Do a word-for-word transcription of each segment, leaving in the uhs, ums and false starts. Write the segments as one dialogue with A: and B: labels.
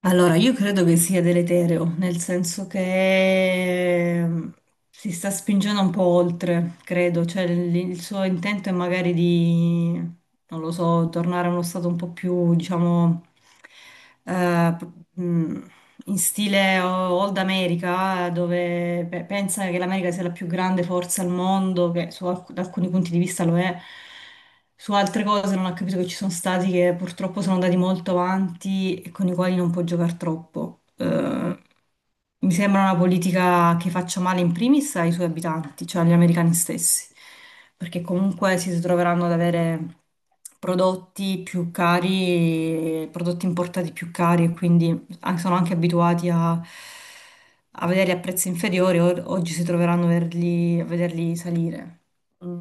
A: Allora, io credo che sia deleterio, nel senso che mm, si sta spingendo un po' oltre, credo, cioè il, il suo intento è magari di, non lo so, tornare a uno stato un po' più, diciamo, eh, p- mh, in stile o- Old America, dove pe- pensa che l'America sia la più grande forza al mondo, che su alc- da alcuni punti di vista lo è. Su altre cose non ha capito che ci sono stati che purtroppo sono andati molto avanti e con i quali non può giocare troppo. Eh, mi sembra una politica che faccia male in primis ai suoi abitanti, cioè agli americani stessi, perché comunque si troveranno ad avere prodotti più cari, prodotti importati più cari e quindi an- sono anche abituati a, a vederli a prezzi inferiori, o- oggi si troveranno a vederli, a vederli salire. Mm.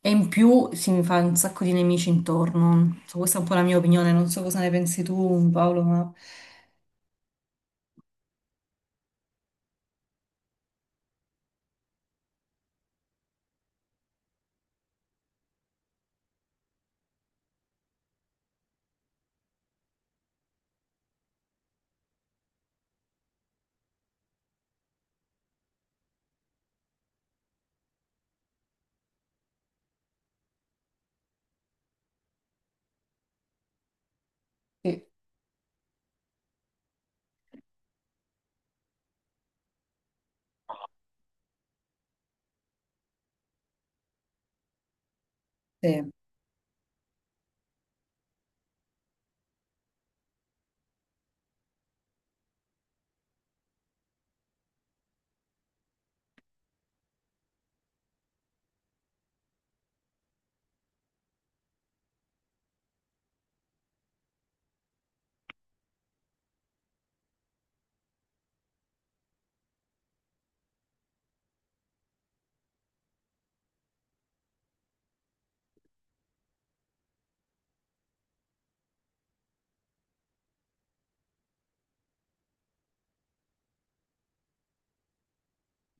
A: E in più si mi fa un sacco di nemici intorno. So, questa è un po' la mia opinione, non so cosa ne pensi tu, Paolo, ma... Sì. Sì.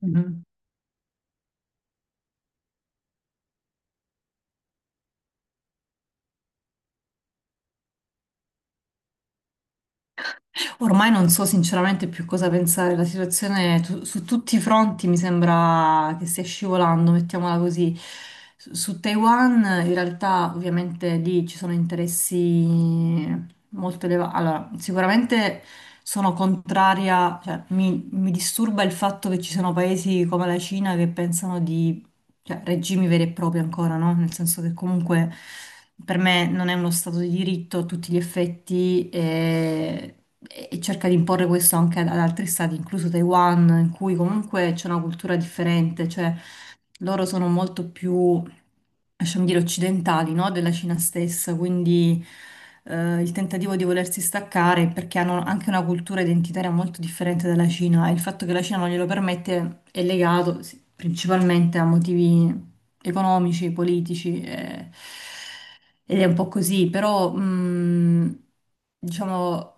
A: Mhm. Ormai non so sinceramente più cosa pensare, la situazione tu- su tutti i fronti mi sembra che stia scivolando, mettiamola così. Su su Taiwan in realtà ovviamente lì ci sono interessi molto elevati. Allora, sicuramente sono contraria, cioè mi, mi disturba il fatto che ci siano paesi come la Cina che pensano di cioè, regimi veri e propri ancora, no? Nel senso che comunque per me non è uno stato di diritto a tutti gli effetti e, e cerca di imporre questo anche ad ad altri stati, incluso Taiwan, in cui comunque c'è una cultura differente, cioè loro sono molto più lasciami dire, occidentali, no? Della Cina stessa, quindi eh, il tentativo di volersi staccare perché hanno anche una cultura identitaria molto differente dalla Cina e il fatto che la Cina non glielo permette è legato sì, principalmente a motivi economici, politici eh, ed è un po' così, però mh, diciamo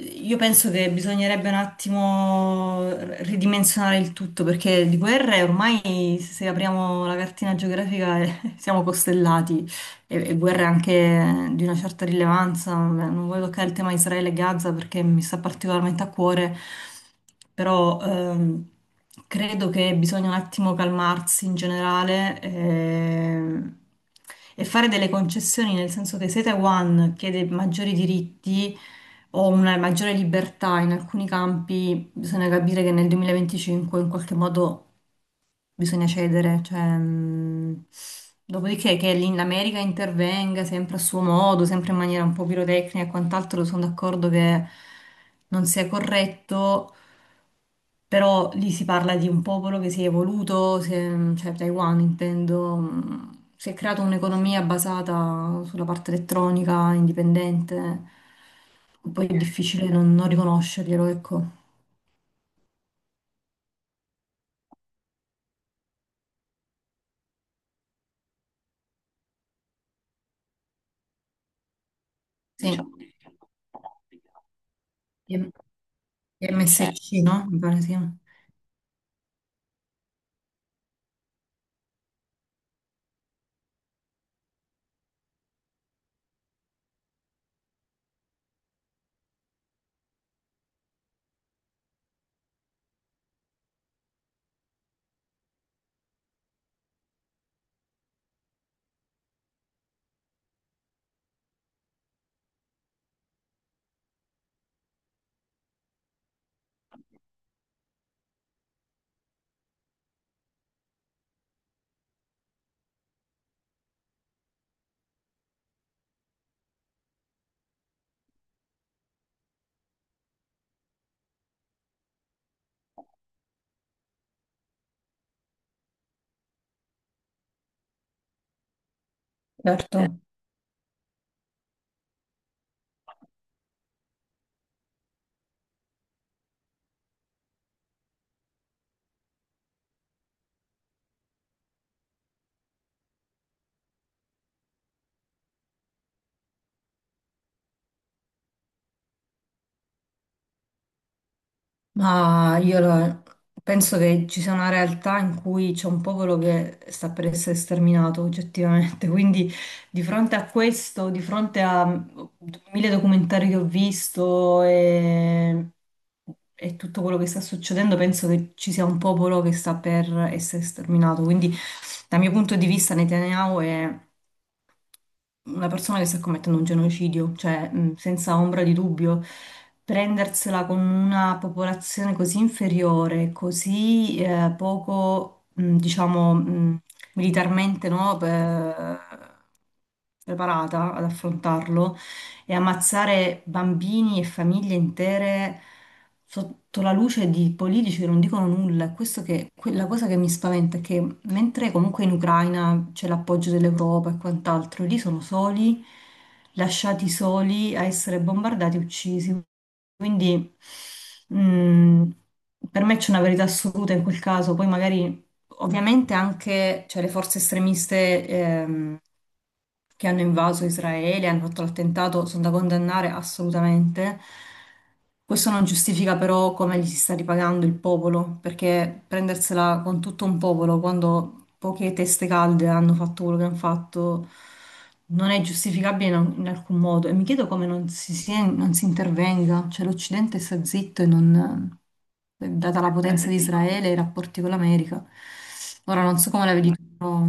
A: io penso che bisognerebbe un attimo r- ridimensionare il tutto perché di guerre ormai se apriamo la cartina geografica eh, siamo costellati e, e guerre anche di una certa rilevanza. Vabbè, non voglio toccare il tema Israele e Gaza perché mi sta particolarmente a cuore, però ehm, credo che bisogna un attimo calmarsi in generale ehm, e fare delle concessioni, nel senso che se Taiwan chiede maggiori diritti o una maggiore libertà in alcuni campi, bisogna capire che nel duemilaventicinque in qualche modo bisogna cedere, cioè, mh, dopodiché che lì l'America intervenga sempre a suo modo, sempre in maniera un po' pirotecnica e quant'altro, sono d'accordo che non sia corretto. Però lì si parla di un popolo che si è evoluto, si è- cioè Taiwan intendo, mm, si è creata un'economia basata sulla parte elettronica, indipendente, poi è difficile non, non riconoscerglielo, ecco. Sì, M S C, no? Mi pare sì. Certo. Ma io lo- Penso che ci sia una realtà in cui c'è un popolo che sta per essere sterminato oggettivamente, quindi di fronte a questo, di fronte a mm, mille documentari che ho visto e, e tutto quello che sta succedendo, penso che ci sia un popolo che sta per essere sterminato. Quindi dal mio punto di vista Netanyahu è una persona che sta commettendo un genocidio, cioè mh, senza ombra di dubbio, prendersela con una popolazione così inferiore, così eh, poco, mh, diciamo, mh, militarmente no, pe- preparata ad affrontarlo, e ammazzare bambini e famiglie intere sotto la luce di politici che non dicono nulla. È questo che, que- la cosa che mi spaventa è che mentre comunque in Ucraina c'è l'appoggio dell'Europa e quant'altro, lì sono soli, lasciati soli a essere bombardati e uccisi. Quindi mh, per me c'è una verità assoluta in quel caso, poi magari ovviamente anche cioè, le forze estremiste ehm, che hanno invaso Israele, hanno fatto l'attentato, sono da condannare assolutamente. Questo non giustifica però come gli si sta ripagando il popolo, perché prendersela con tutto un popolo quando poche teste calde hanno fatto quello che hanno fatto non è giustificabile in, in alcun modo. E mi chiedo come non si, sia- non si intervenga, cioè l'Occidente sta zitto e non data la potenza di Israele e i rapporti con l'America. Ora non so come la vedi tu, però...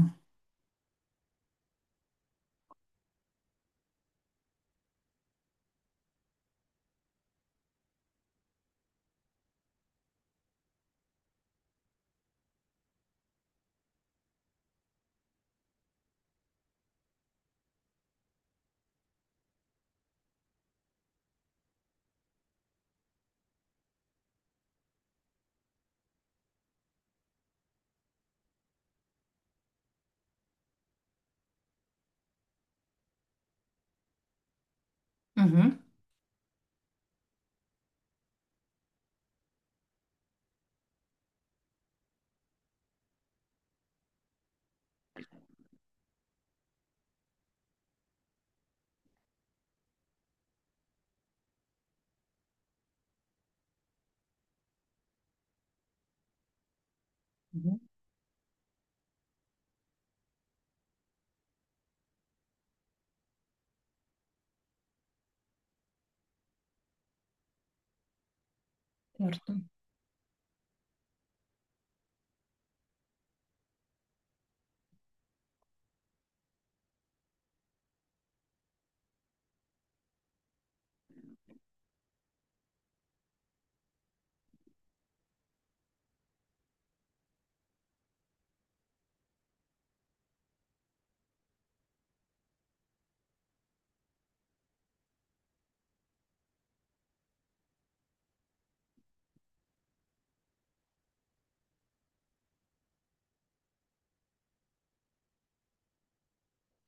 A: Mhm, mhm, certo,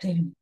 A: sì.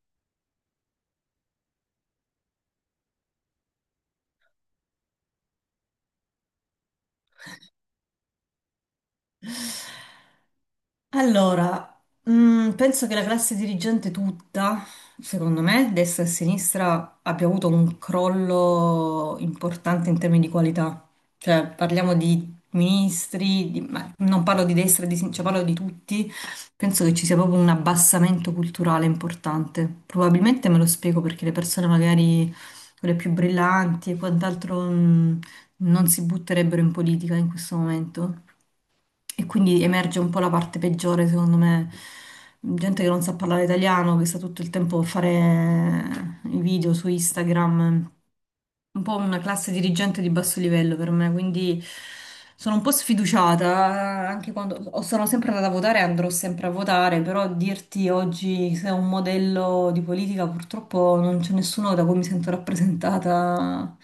A: Allora, mm, penso che la classe dirigente tutta, secondo me, destra e sinistra, abbia avuto un crollo importante in termini di qualità. Cioè, parliamo di ministri, di- ma non parlo di destra e di sinistra, parlo di tutti. Penso che ci sia proprio un abbassamento culturale importante. Probabilmente me lo spiego perché le persone magari quelle più brillanti e quant'altro, mm, non si butterebbero in politica in questo momento. E quindi emerge un po' la parte peggiore, secondo me. Gente che non sa parlare italiano, che sta tutto il tempo a fare i video su Instagram un po' una classe dirigente di basso livello per me, quindi sono un po' sfiduciata anche quando o sono sempre andata a votare e andrò sempre a votare, però dirti oggi se è un modello di politica purtroppo non c'è nessuno da cui mi sento rappresentata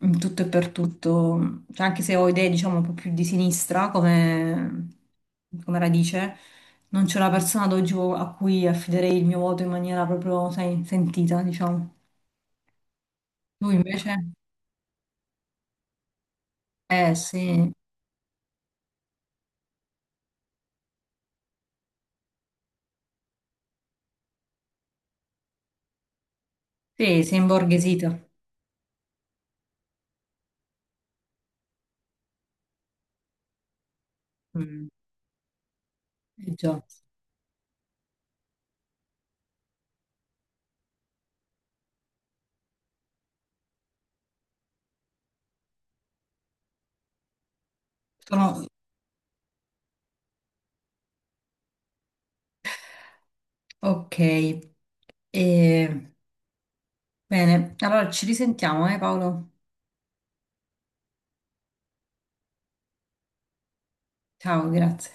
A: in tutto e per tutto, cioè, anche se ho idee diciamo un po' più di sinistra come, come radice. Non c'è una persona ad oggi a cui affiderei il mio voto in maniera proprio, sai, sentita, diciamo. Tu invece? Eh sì, sì, si è imborghesito. Mm, eh già. Sono... Ok, E- bene, allora ci risentiamo, eh Paolo? Ciao, grazie.